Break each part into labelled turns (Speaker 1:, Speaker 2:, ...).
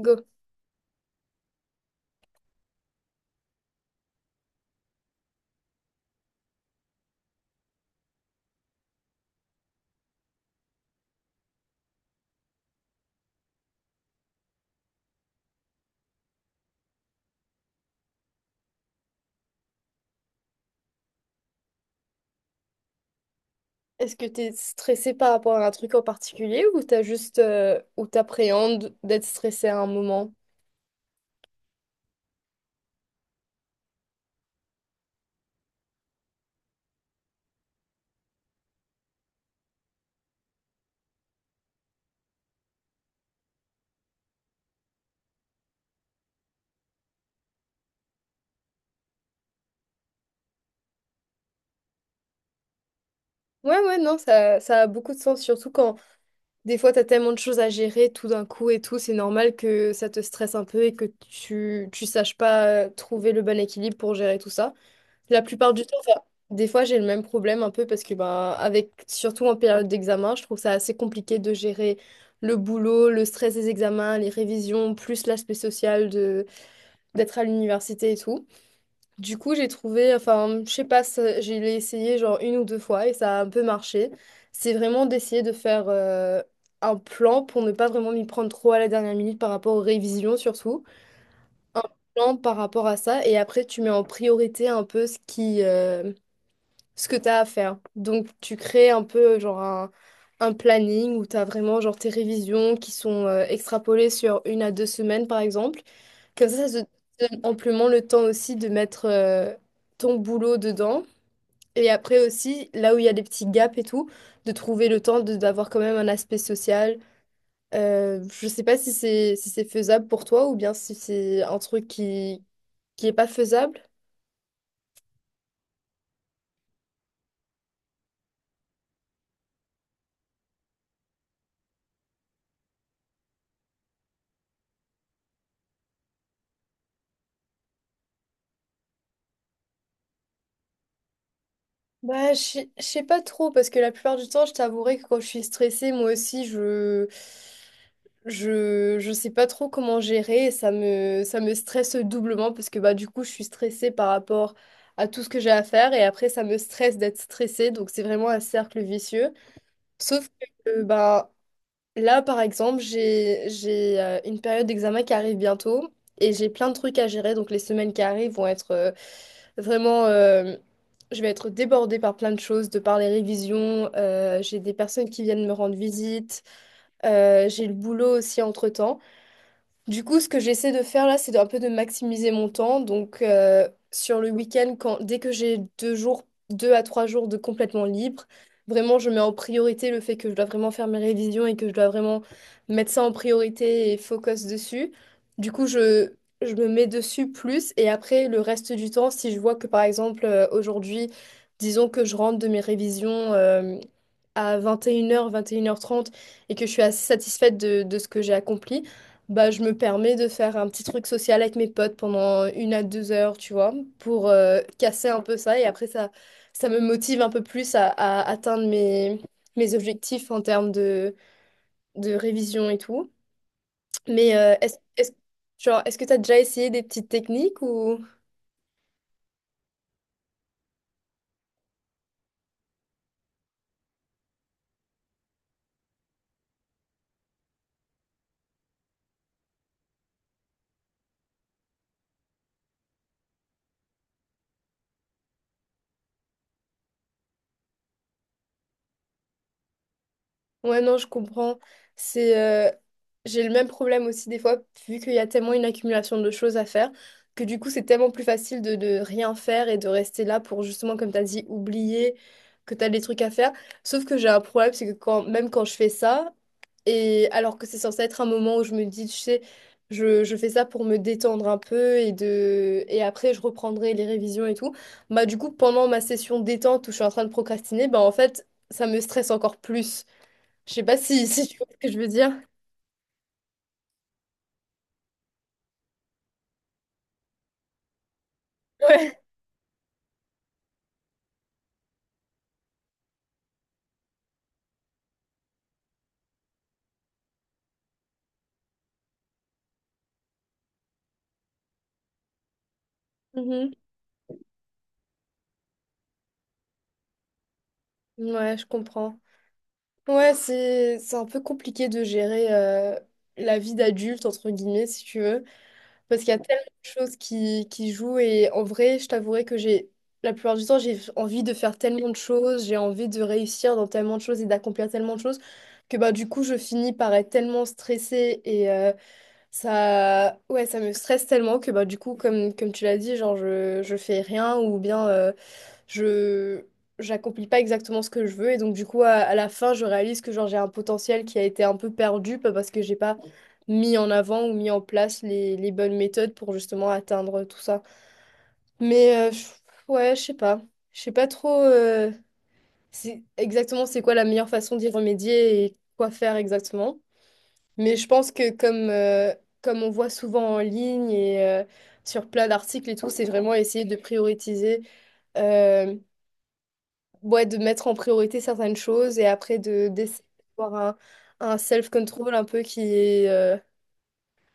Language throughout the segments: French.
Speaker 1: Go. Est-ce que tu es stressé par rapport à un truc en particulier ou t'as juste ou t'appréhendes d'être stressé à un moment? Ouais, ouais, non, ça a beaucoup de sens, surtout quand des fois t'as tellement de choses à gérer tout d'un coup et tout, c'est normal que ça te stresse un peu et que tu saches pas trouver le bon équilibre pour gérer tout ça. La plupart du temps, enfin, des fois j'ai le même problème un peu parce que bah, avec surtout en période d'examen, je trouve ça assez compliqué de gérer le boulot, le stress des examens, les révisions, plus l'aspect social de d'être à l'université et tout. Du coup, j'ai trouvé, enfin, je sais pas, j'ai l'ai essayé genre 1 ou 2 fois et ça a un peu marché. C'est vraiment d'essayer de faire un plan pour ne pas vraiment m'y prendre trop à la dernière minute par rapport aux révisions surtout. Un plan par rapport à ça et après tu mets en priorité un peu ce que tu as à faire. Donc tu crées un peu genre un planning où tu as vraiment genre tes révisions qui sont extrapolées sur 1 à 2 semaines par exemple. Comme ça te donne amplement le temps aussi de mettre ton boulot dedans. Et après aussi, là où il y a des petits gaps et tout, de trouver le temps d'avoir quand même un aspect social. Je sais pas si c'est si c'est faisable pour toi ou bien si c'est un truc qui est pas faisable. Bah, je sais pas trop parce que la plupart du temps, je t'avouerai que quand je suis stressée, moi aussi, je sais pas trop comment gérer et ça me stresse doublement parce que bah, du coup, je suis stressée par rapport à tout ce que j'ai à faire et après, ça me stresse d'être stressée. Donc, c'est vraiment un cercle vicieux. Sauf que bah, là, par exemple, j'ai une période d'examen qui arrive bientôt et j'ai plein de trucs à gérer. Donc, les semaines qui arrivent vont être vraiment... euh, je vais être débordée par plein de choses, de par les révisions. J'ai des personnes qui viennent me rendre visite. J'ai le boulot aussi entre-temps. Du coup, ce que j'essaie de faire là, c'est un peu de maximiser mon temps. Donc, sur le week-end, dès que j'ai 2 jours, 2 à 3 jours de complètement libre, vraiment, je mets en priorité le fait que je dois vraiment faire mes révisions et que je dois vraiment mettre ça en priorité et focus dessus. Du coup, je me mets dessus plus. Et après, le reste du temps, si je vois que, par exemple, aujourd'hui, disons que je rentre de mes révisions, à 21 heures, 21h30, et que je suis assez satisfaite de ce que j'ai accompli bah, je me permets de faire un petit truc social avec mes potes pendant 1 à 2 heures, tu vois, pour casser un peu ça. Et après, ça me motive un peu plus à atteindre mes objectifs en termes de révision et tout. Mais genre, est-ce que tu as déjà essayé des petites techniques ou... Ouais, non, je comprends. C'est, euh, j'ai le même problème aussi des fois, vu qu'il y a tellement une accumulation de choses à faire, que du coup, c'est tellement plus facile de rien faire et de rester là pour justement, comme tu as dit, oublier que tu as des trucs à faire. Sauf que j'ai un problème, c'est que même quand je fais ça, et alors que c'est censé être un moment où je me dis, tu sais, je fais ça pour me détendre un peu et après, je reprendrai les révisions et tout, bah du coup, pendant ma session détente où je suis en train de procrastiner, bah en fait, ça me stresse encore plus. Je sais pas si tu vois ce que je veux dire. Ouais. Mhm. Ouais, je comprends. Ouais, c'est un peu compliqué de gérer la vie d'adulte, entre guillemets, si tu veux, parce qu'il y a tellement de choses qui jouent et en vrai, je t'avouerai que j'ai, la plupart du temps, j'ai envie de faire tellement de choses, j'ai envie de réussir dans tellement de choses et d'accomplir tellement de choses que bah, du coup, je finis par être tellement stressée ça, ouais, ça me stresse tellement que bah, du coup, comme, comme tu l'as dit, genre, je fais rien ou bien je j'accomplis pas exactement ce que je veux. Et donc, du coup, à la fin, je réalise que genre, j'ai un potentiel qui a été un peu perdu pas parce que j'ai pas mis en avant ou mis en place les bonnes méthodes pour justement atteindre tout ça. Mais ouais, je sais pas. Je sais pas trop c'est quoi la meilleure façon d'y remédier et quoi faire exactement. Mais je pense que comme on voit souvent en ligne et sur plein d'articles et tout, c'est vraiment essayer de prioriser, euh, ouais, de mettre en priorité certaines choses et après de d'essayer d'avoir un self-control un peu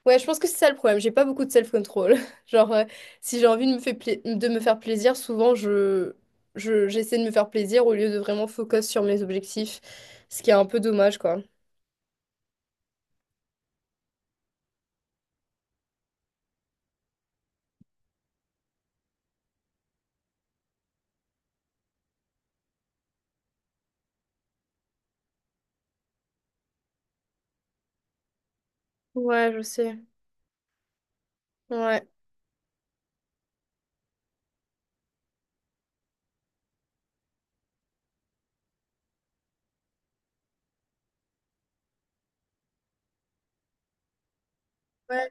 Speaker 1: ouais, je pense que c'est ça le problème, j'ai pas beaucoup de self-control. Genre, si j'ai envie de de me faire plaisir, souvent j'essaie de me faire plaisir au lieu de vraiment focus sur mes objectifs, ce qui est un peu dommage, quoi. Ouais, je sais. Ouais. Ouais,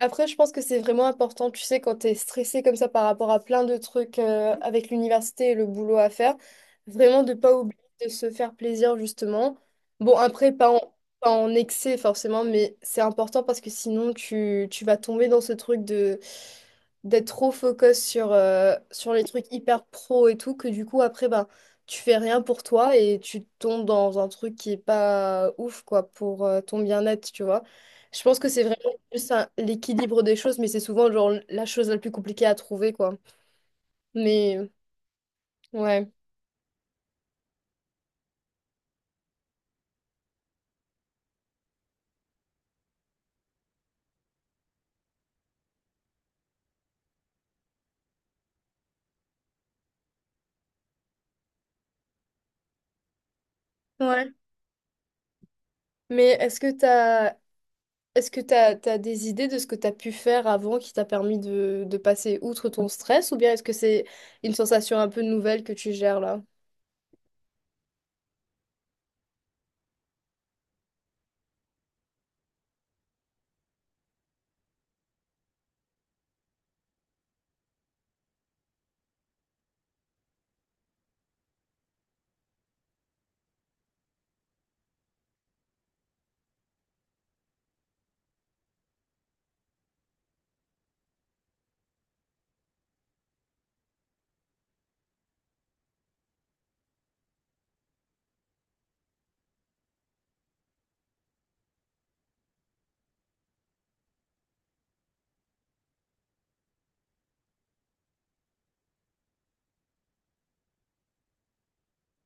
Speaker 1: après, je pense que c'est vraiment important, tu sais, quand tu es stressé comme ça par rapport à plein de trucs avec l'université et le boulot à faire, vraiment de pas oublier de se faire plaisir, justement. Bon, après, pas en excès forcément, mais c'est important parce que sinon, tu vas tomber dans ce truc de d'être trop focus sur, sur les trucs hyper pro et tout, que du coup, après, ben, tu fais rien pour toi et tu tombes dans un truc qui est pas ouf, quoi, pour ton bien-être, tu vois. Je pense que c'est juste un- l'équilibre des choses, mais c'est souvent genre la chose la plus compliquée à trouver, quoi. Mais ouais. Ouais. Mais t'as des idées de ce que t'as pu faire avant qui t'a permis de passer outre ton stress, ou bien est-ce que c'est une sensation un peu nouvelle que tu gères là?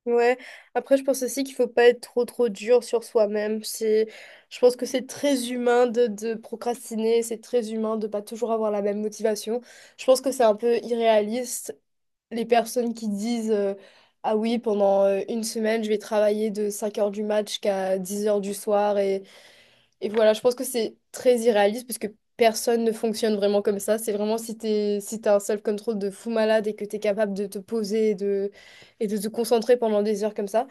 Speaker 1: Ouais, après je pense aussi qu'il faut pas être trop trop dur sur soi-même. C'est, je pense que c'est très humain de procrastiner, c'est très humain de pas toujours avoir la même motivation. Je pense que c'est un peu irréaliste les personnes qui disent ah oui, pendant une semaine, je vais travailler de 5 heures du match jusqu'à 10 heures du soir. Et voilà, je pense que c'est très irréaliste parce que personne ne fonctionne vraiment comme ça. C'est vraiment si t'as un self-control de fou malade et que t'es capable de te poser et de te concentrer pendant des heures comme ça.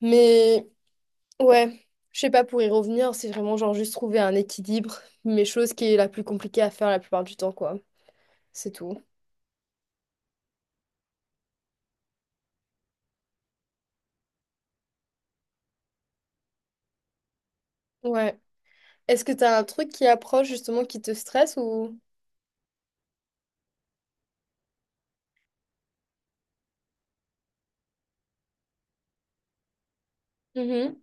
Speaker 1: Mais ouais. Je sais pas, pour y revenir, c'est vraiment genre juste trouver un équilibre, mais chose qui est la plus compliquée à faire la plupart du temps, quoi. C'est tout. Ouais. Est-ce que t'as un truc qui approche justement qui te stresse ou... Mhm.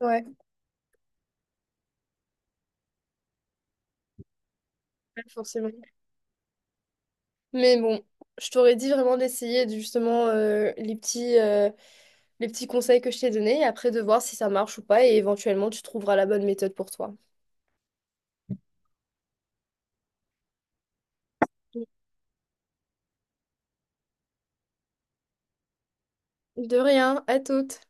Speaker 1: Ouais, ouais, forcément. Mais bon, je t'aurais dit vraiment d'essayer justement les petits conseils que je t'ai donnés et après de voir si ça marche ou pas et éventuellement tu trouveras la bonne méthode pour toi. De rien, à toutes.